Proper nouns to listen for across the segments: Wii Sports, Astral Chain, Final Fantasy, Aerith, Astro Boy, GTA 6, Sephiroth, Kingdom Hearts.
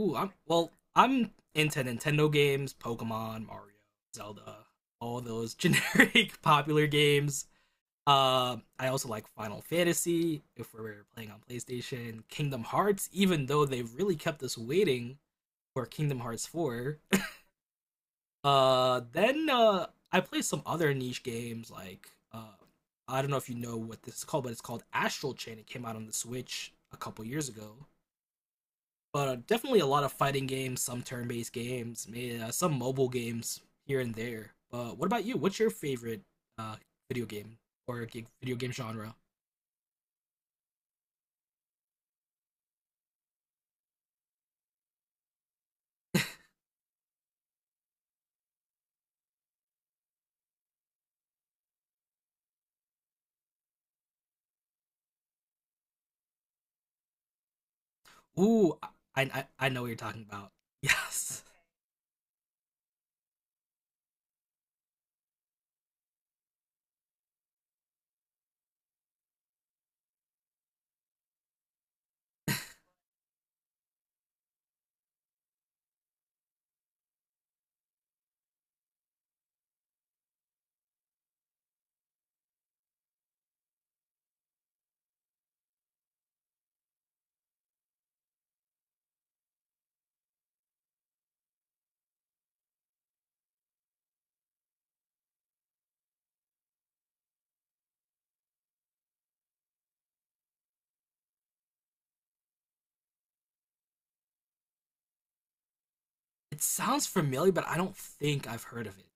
Ooh, I'm well. I'm into Nintendo games, Pokemon, Mario, Zelda, all those generic popular games. I also like Final Fantasy if we're playing on PlayStation, Kingdom Hearts, even though they've really kept us waiting for Kingdom Hearts 4. Then I play some other niche games like uh, I don't know if you know what this is called, but it's called Astral Chain. It came out on the Switch a couple years ago but definitely a lot of fighting games, some turn-based games, maybe some mobile games here and there. But what about you? What's your favorite uh, video game or video game genre? Ooh, I know what you're talking about. Yes, it sounds familiar, but I don't think I've heard of it.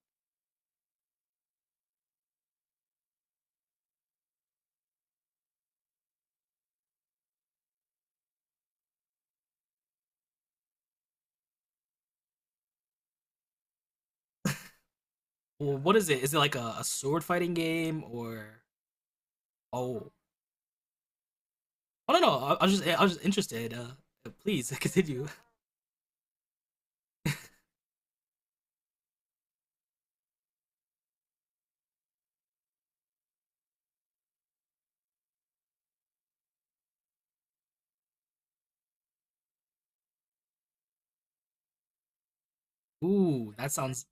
Well, what is it? Is it like a sword fighting game or? Oh, I don't know. I was just interested. Please continue. Ooh, that sounds.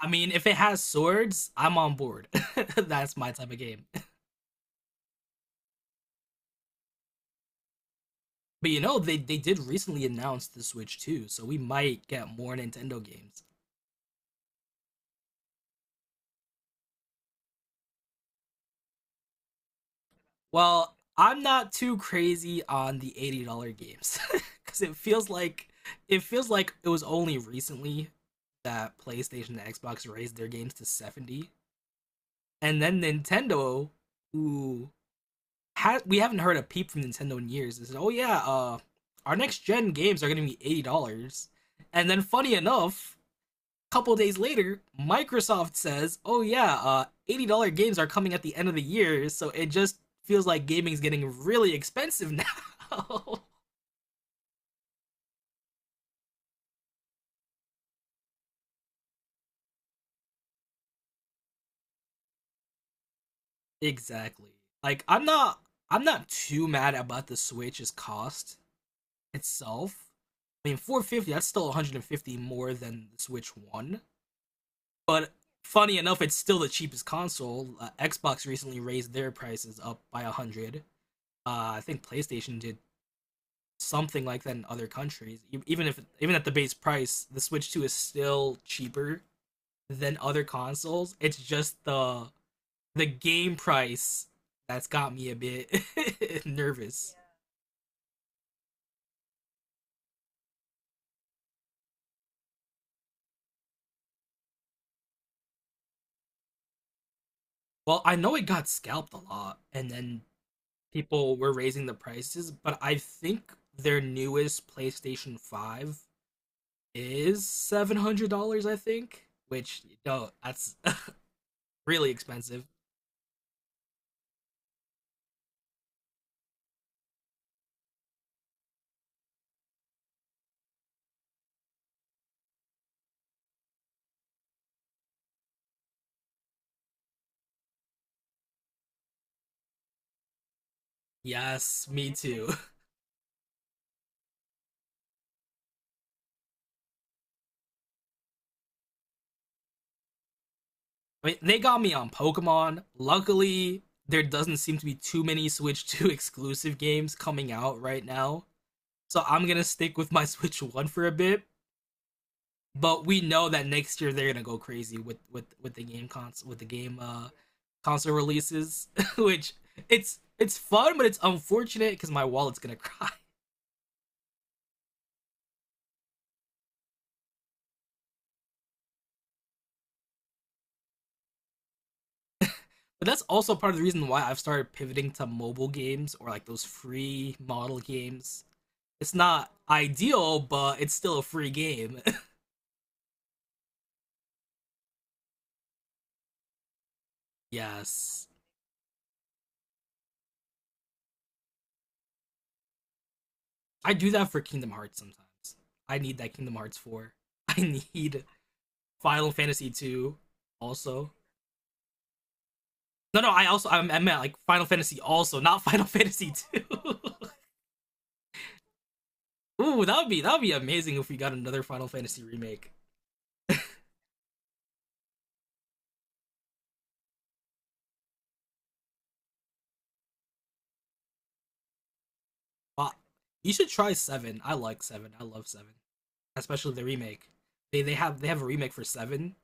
I mean, if it has swords, I'm on board. That's my type of game. But you know, they did recently announce the Switch too, so we might get more Nintendo games. Well, I'm not too crazy on the $80 games cuz it feels like it was only recently that PlayStation and Xbox raised their games to 70, and then Nintendo who we haven't heard a peep from Nintendo in years. They, "Oh yeah, our next gen games are going to be $80." And then funny enough, couple days later, Microsoft says, "Oh yeah, $80 games are coming at the end of the year, so it just feels like gaming's getting really expensive now." Exactly. Like I'm not too mad about the Switch's cost itself. I mean, 450 dollars, that's still $150 more than the Switch One, but funny enough, it's still the cheapest console. Xbox recently raised their prices up by 100. I think PlayStation did something like that in other countries. E- Even if Even at the base price, the Switch 2 is still cheaper than other consoles. It's just the game price that's got me a bit nervous. Yeah. Well, I know it got scalped a lot and then people were raising the prices, but I think their newest PlayStation 5 is $700, I think, which no, that's really expensive. Yes, me too. I mean, they got me on Pokemon. Luckily, there doesn't seem to be too many Switch 2 exclusive games coming out right now. So I'm gonna stick with my Switch 1 for a bit. But we know that next year they're gonna go crazy with the game console releases, which it's fun, but it's unfortunate because my wallet's gonna cry. But that's also part of the reason why I've started pivoting to mobile games or like those free model games. It's not ideal, but it's still a free game. Yes. I do that for Kingdom Hearts sometimes. I need that Kingdom Hearts 4. I need Final Fantasy 2 also. No, no, I also I meant like Final Fantasy also, not Final Fantasy 2. Ooh, that would be amazing if we got another Final Fantasy remake. Wow. You should try 7. I like 7. I love 7. Especially the remake. They have a remake for 7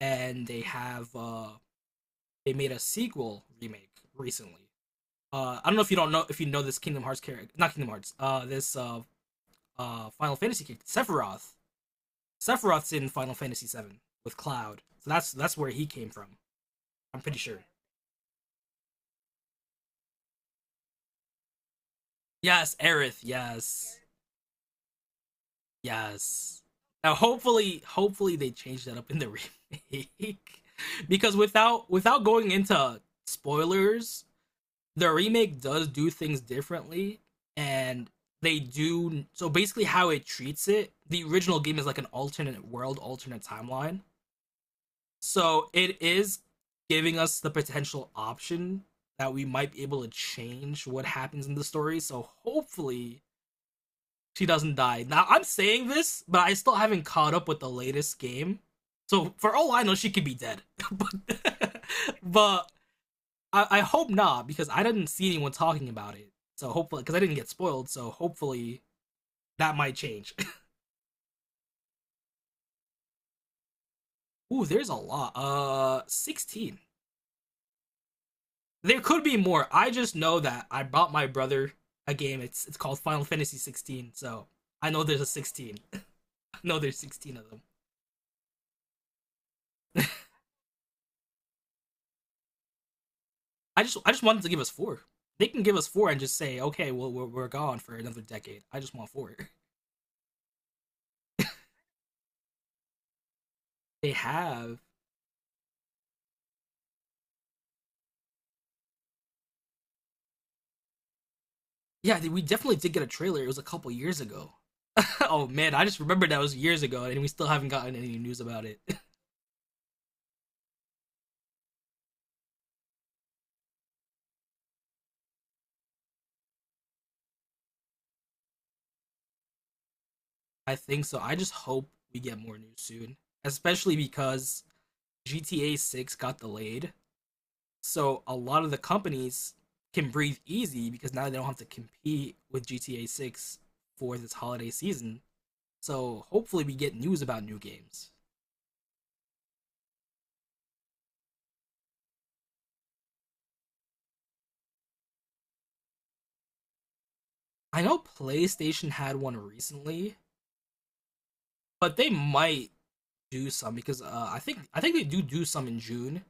and they have they made a sequel remake recently. I don't know if you know this Kingdom Hearts character, not Kingdom Hearts, this Final Fantasy character, Sephiroth. Sephiroth's in Final Fantasy VII with Cloud, so that's where he came from. I'm pretty sure. Yes, Aerith. Yes, yes. Now, hopefully they change that up in the remake, because without going into spoilers, the remake does do things differently, and they do. So basically how it treats it, the original game is like an alternate world, alternate timeline, so it is giving us the potential option that we might be able to change what happens in the story. So hopefully she doesn't die. Now, I'm saying this but I still haven't caught up with the latest game, so for all I know she could be dead but but I hope not because I didn't see anyone talking about it. So hopefully, because I didn't get spoiled, so hopefully that might change. Ooh, there's a lot. 16 There could be more. I just know that I bought my brother a game. It's called Final Fantasy 16. So I know there's a 16. No, there's 16 of them. I just wanted to give us four. They can give us four and just say, okay, well we're gone for another decade. I just want four. They have. Yeah, we definitely did get a trailer. It was a couple years ago. Oh man, I just remembered that was years ago, and we still haven't gotten any news about it. I think so. I just hope we get more news soon, especially because GTA 6 got delayed. So a lot of the companies can breathe easy because now they don't have to compete with GTA 6 for this holiday season. So hopefully we get news about new games. I know PlayStation had one recently, but they might do some because I think they do do some in June,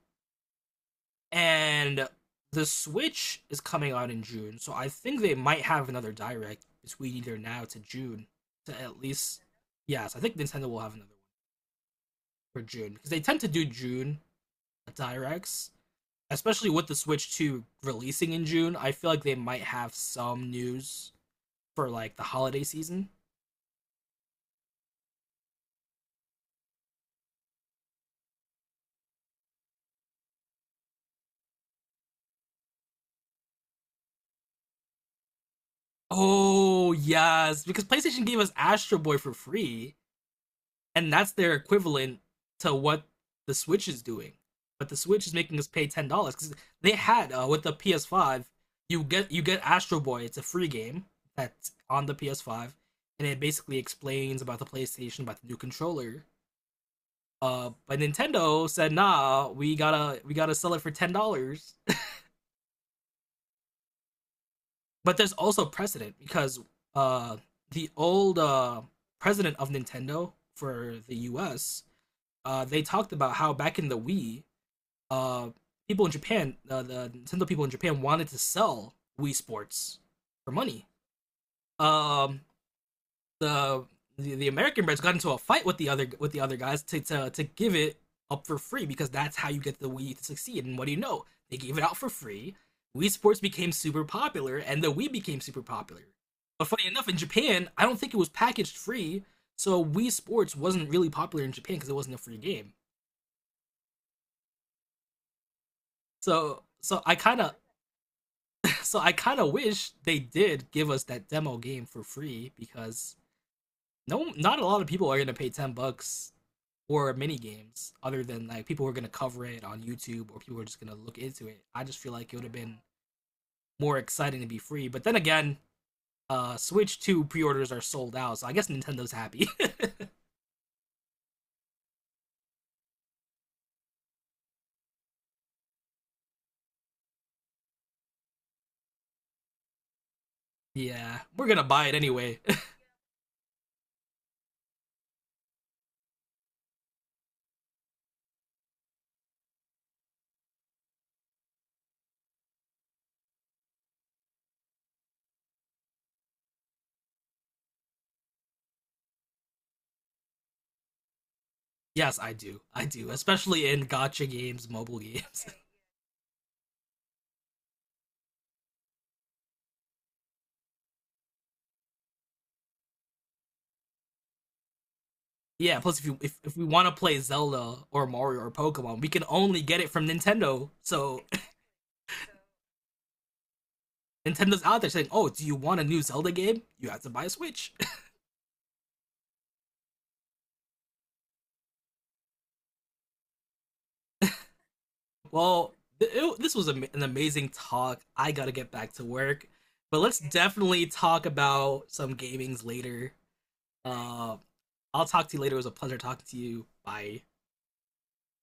and the Switch is coming out in June, so I think they might have another direct between either now to June to at least. Yes, I think Nintendo will have another one for June because they tend to do June directs, especially with the Switch 2 releasing in June. I feel like they might have some news for like the holiday season. Oh yes, because PlayStation gave us Astro Boy for free, and that's their equivalent to what the Switch is doing. But the Switch is making us pay $10 because they had, with the PS5, you get Astro Boy. It's a free game that's on the PS5, and it basically explains about the PlayStation, about the new controller. But Nintendo said, "Nah, we gotta sell it for $10." But there's also precedent because uh, the old president of Nintendo for the U.S. They talked about how back in the Wii, uh, people in Japan, the Nintendo people in Japan wanted to sell Wii Sports for money. Um, the, the American brands got into a fight with the other guys to give it up for free because that's how you get the Wii to succeed. And what do you know? They gave it out for free. Wii Sports became super popular, and the Wii became super popular. But funny enough, in Japan, I don't think it was packaged free, so Wii Sports wasn't really popular in Japan because it wasn't a free game. So so I kind of So I kind of wish they did give us that demo game for free because no, not a lot of people are gonna pay 10 bucks for mini games other than like people who are gonna cover it on YouTube or people who are just gonna look into it. I just feel like it would have been more exciting to be free. But then again, Switch Two pre-orders are sold out, so I guess Nintendo's happy. Yeah, we're gonna buy it anyway. Yes, I do. I do, especially in gotcha games, mobile games. Yeah, plus if you if we want to play Zelda or Mario or Pokemon, we can only get it from Nintendo. So Nintendo's out there saying, "Oh, do you want a new Zelda game? You have to buy a Switch." Well, this was an amazing talk. I gotta get back to work, but let's definitely talk about some gamings later. Uh, I'll talk to you later. It was a pleasure talking to you. Bye.